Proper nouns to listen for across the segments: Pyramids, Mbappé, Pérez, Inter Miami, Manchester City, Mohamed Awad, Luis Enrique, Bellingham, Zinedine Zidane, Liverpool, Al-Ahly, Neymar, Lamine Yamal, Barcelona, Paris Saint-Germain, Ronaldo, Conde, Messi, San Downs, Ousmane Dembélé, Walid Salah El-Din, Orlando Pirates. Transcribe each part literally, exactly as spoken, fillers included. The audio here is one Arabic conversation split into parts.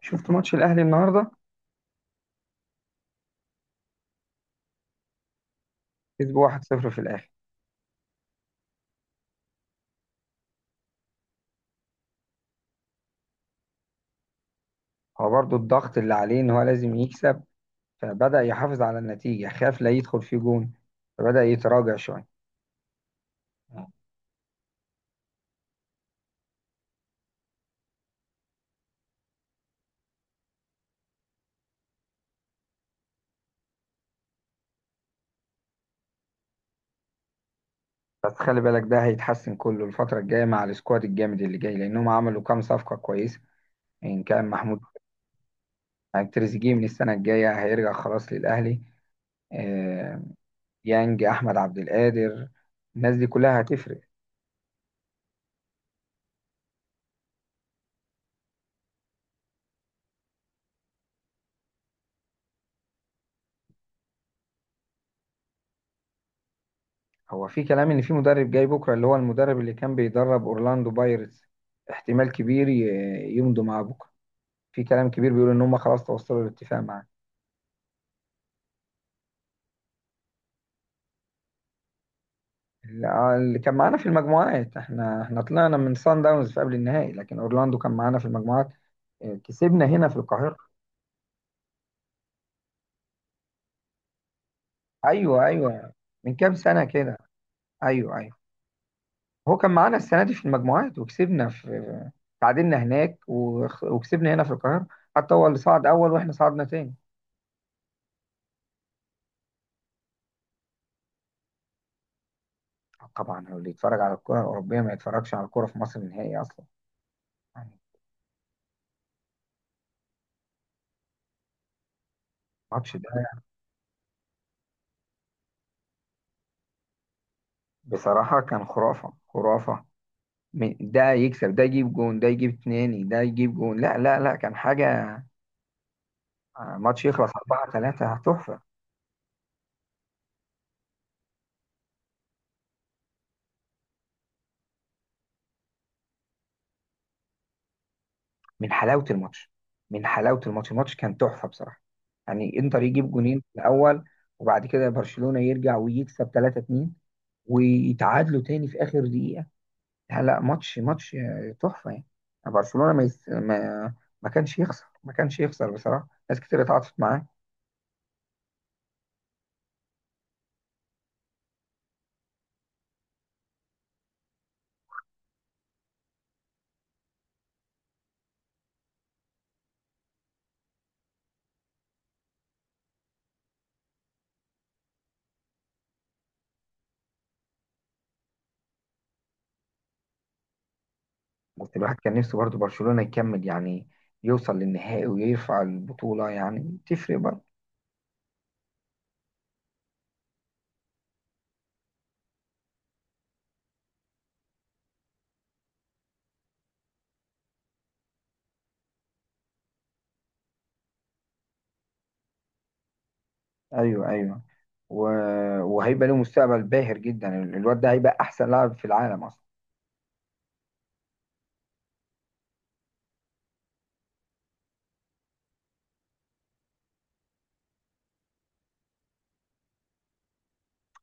شفت ماتش الاهلي النهارده. كسب واحد صفر في الاخر. هو برضو الضغط اللي عليه ان هو لازم يكسب، فبدأ يحافظ على النتيجة، خاف لا يدخل فيه جون، فبدأ يتراجع شوية. بس خلي بالك ده هيتحسن كله الفترة الجاية مع السكواد الجامد اللي جاي، لأنهم عملوا كام صفقة كويسة. إن كان محمود. يعني تريزيجيه من السنة الجاية هيرجع خلاص للأهلي. آه، يانج أحمد عبد القادر، الناس دي كلها هتفرق. هو في كلام ان في مدرب جاي بكره، اللي هو المدرب اللي كان بيدرب اورلاندو بايرتس. احتمال كبير ي- يمضوا معاه بكره. في كلام كبير بيقول ان هم خلاص توصلوا لاتفاق معاه. اللي اللي كان معانا في المجموعات، احنا احنا طلعنا من سان داونز في قبل النهائي، لكن اورلاندو كان معانا في المجموعات. اه، كسبنا هنا في القاهره. ايوه، ايوه. من كام سنه كده. ايوه، ايوه. هو كان معانا السنه دي في المجموعات، وكسبنا في. تعادلنا هناك، وخ- وكسبنا هنا في القاهره. حتى هو اللي صعد اول واحنا صعدنا تاني. طبعا هو اللي يتفرج على الكرة الأوروبية ما يتفرجش على الكرة في مصر نهائي أصلا. يعني الماتش ده بصراحة كان خرافة خرافة. من- ده يكسب ده يجيب جون ده يجيب اتنين ده يجيب جون، لا، لا، لا، كان حاجة. آه، ماتش يخلص أربعة تلاتة تحفة. من حلاوة الماتش من حلاوة الماتش الماتش كان تحفة بصراحة. يعني إنتر يجيب جونين في الأول، وبعد كده برشلونة يرجع ويكسب تلاتة اتنين، ويتعادلوا تاني في آخر دقيقة. لا، ماتش ماتش آه، تحفة يعني. برشلونة ما, يس... ما ما كانش يخسر، ما كانش يخسر بصراحة. ناس كتير اتعاطفت معاه. بس الواحد كان نفسه برضه برشلونة يكمل، يعني يوصل للنهائي ويرفع البطولة، يعني تفرق برضه. ايوه، ايوه. و... وهيبقى له مستقبل باهر جدا، ال- الواد ده هيبقى احسن لاعب في العالم اصلا.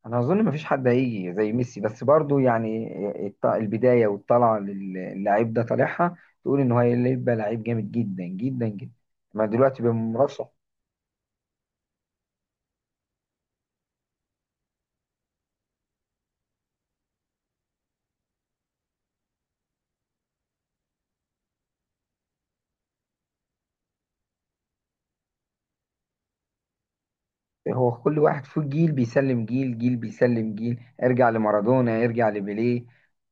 انا اظن ما فيش حد هيجي زي ميسي، بس برضه يعني الط- البداية والطلعة للاعب ده طالعها تقول ان هو هيبقى لعيب جامد جدا جدا جدا. ما دلوقتي بمرشح. هو كل واحد فيه جيل بيسلم جيل، جيل بيسلم جيل، ارجع لمارادونا، ارجع لبيليه.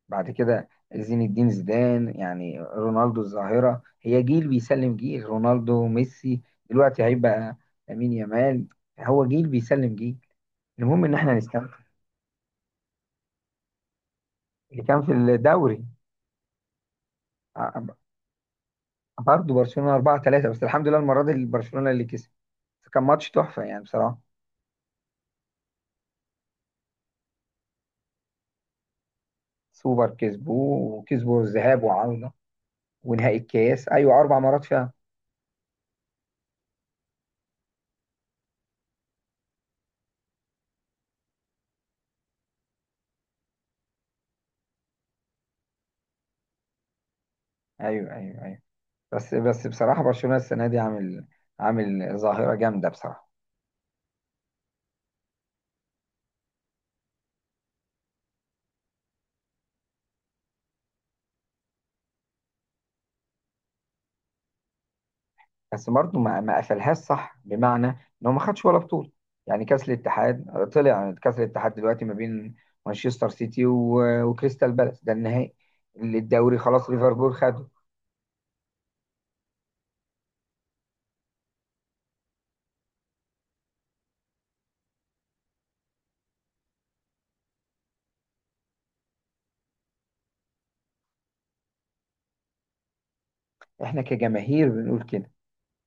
بعد كده زين الدين زيدان، يعني رونالدو الظاهرة، هي جيل بيسلم جيل، رونالدو، ميسي. دلوقتي هيبقى لامين يامال. هو جيل بيسلم جيل. المهم ان احنا نستمتع. اللي كان في الدوري. ع- برضه برشلونة أربعة تلاتة، بس الحمد لله المرة دي برشلونة اللي كسب. بس كان ماتش تحفة يعني بصراحة. سوبر كسبوه وكسبوا الذهاب وعودة. ونهائي الكاس، ايوه، اربع مرات فيها. ايوه، ايوه، ايوه. بس بس بصراحه، برشلونه السنه دي عامل عامل ظاهره جامده بصراحه. بس برضه ما ما قفلهاش صح، بمعنى ان هو ما خدش ولا بطوله. يعني كاس الاتحاد طلع. كاس الاتحاد دلوقتي ما بين مانشستر سيتي و- وكريستال بالاس، ده النهائي. الدوري خلاص، ليفربول خده. احنا كجماهير بنقول كده،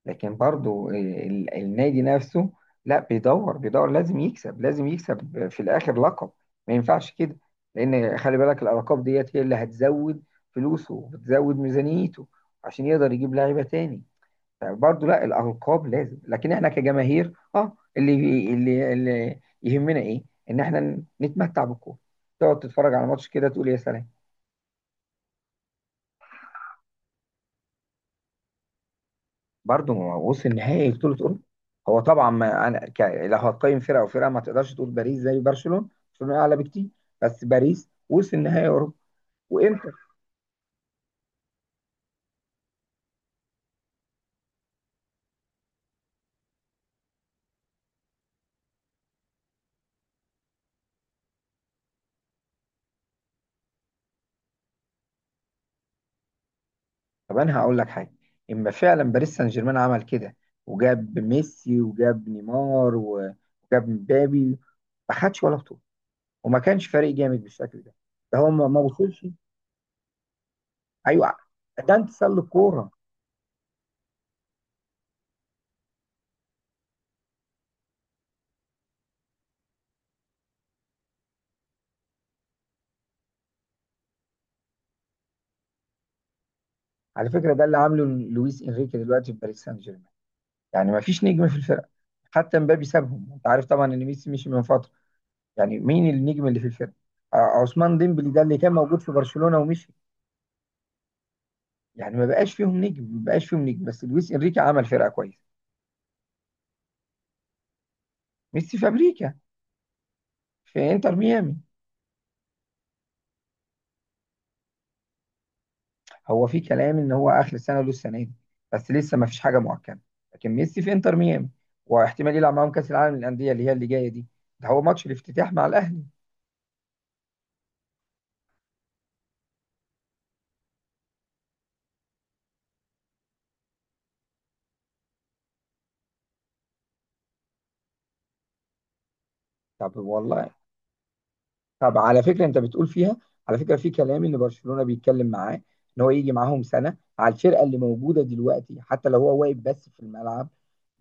لكن برضو آه، ال- النادي نفسه، لا، بيدور بيدور، لازم يكسب، لازم يكسب في الاخر لقب. ما ينفعش كده، لان خلي بالك الالقاب ديت هي اللي هتزود فلوسه وتزود ميزانيته، عشان يقدر يجيب لعيبه تاني. فبرضو لا، الالقاب لازم، لكن احنا كجماهير اه اللي اللي, اللي يهمنا ايه، ان احنا نتمتع بالكوره. تقعد تتفرج على ماتش كده، تقول يا سلام. برضه ما هو وصل نهائي بطولة أوروبا. هو طبعا ما أنا ك... لو هتقيم فرقة وفرقة ما تقدرش تقول باريس زي برشلونة، برشلونة أعلى بكتير. بس باريس وصل نهائي أوروبا. وإنتر. طب أنا هقول لك حاجة. إما فعلا باريس سان جيرمان عمل كده، وجاب ميسي وجاب نيمار و- وجاب مبابي، ما خدش ولا بطولة، وما كانش فريق جامد بالشكل ده. ده هو ما ما وصلش. أيوه، ده انتصار للكورة. على فكرة ده اللي عامله لويس إنريكي دلوقتي في باريس سان جيرمان. يعني ما فيش نجم في الفرقة. حتى مبابي سابهم. انت عارف طبعا ان ميسي مشي من فتره. يعني مين النجم اللي في الفرقه؟ آه، عثمان ديمبلي ده اللي كان موجود في برشلونه ومشي. يعني ما بقاش فيهم نجم، ما بقاش فيهم نجم، بس لويس انريكي عمل فرقه كويسه. ميسي في امريكا، في انتر ميامي. هو في كلام ان هو اخر السنه له السنه دي، بس لسه ما فيش حاجه مؤكده. لكن ميسي في انتر ميامي، واحتمال يلعب معاهم كاس العالم للانديه اللي هي اللي جايه دي. ده هو ماتش الافتتاح مع الاهلي. طب والله. طب على فكره انت بتقول فيها. على فكره، في كلام ان برشلونه بيتكلم معاه ان هو يجي معاهم سنه على الفرقه اللي موجوده دلوقتي، حتى لو هو واقف بس في الملعب،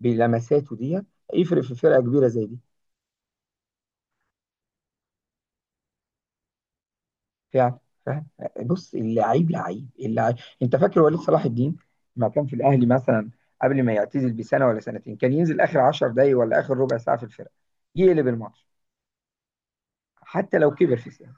بلمساته دي يفرق في فرقه كبيره زي دي. فعلا، فعلا. بص، اللعيب لعيب، اللعيب. انت فاكر وليد صلاح الدين لما كان في الاهلي مثلا، قبل ما يعتزل بسنه ولا سنتين، كان ينزل اخر 10 دقايق ولا اخر ربع ساعه في الفرقه يقلب الماتش، حتى لو كبر في السن.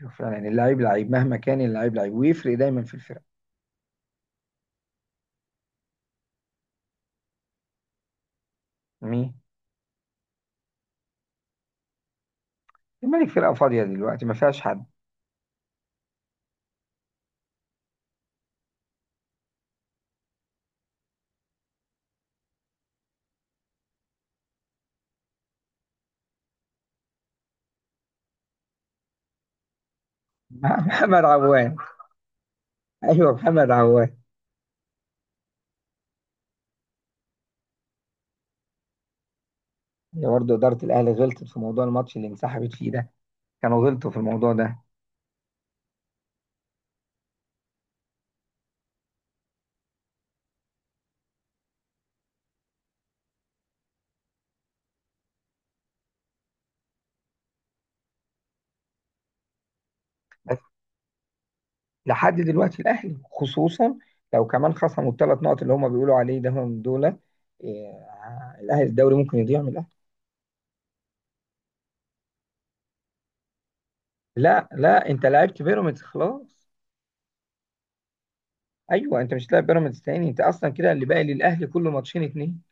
أيوة، فعلا اللعيب لعيب مهما كان، اللعيب لعيب ويفرق دايما في الفرقه. الملك فرقة فاضية دلوقتي، ما فيهاش حد. محمد عوان. ايوه، محمد عوان. هي برضه إدارة الأهلي غلطت في موضوع الماتش اللي انسحبت فيه ده. كانوا غلطوا في الموضوع ده. بس لحد دلوقتي الأهلي خصوصا، لو كمان خصموا الثلاث نقط اللي هم بيقولوا عليه ده، هم دول إيه، الأهلي الدوري ممكن يضيع من الأهلي. لا، لا، أنت لعبت بيراميدز خلاص. أيوه، أنت مش هتلاعب بيراميدز تاني، أنت أصلا كده اللي باقي للأهلي كله ماتشين اتنين.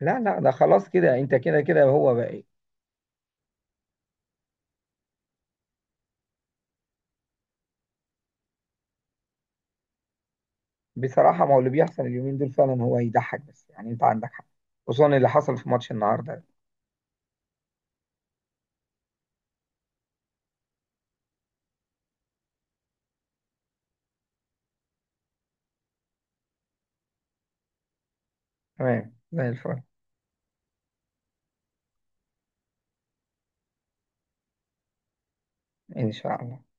لا، لا، ده خلاص كده، أنت كده كده هو بقى. بصراحة، ما هو اللي بيحصل اليومين دول فعلا هو يضحك، بس يعني انت عندك حق، خصوصا اللي حصل في ماتش النهاردة. تمام زي الفل. ان شاء الله.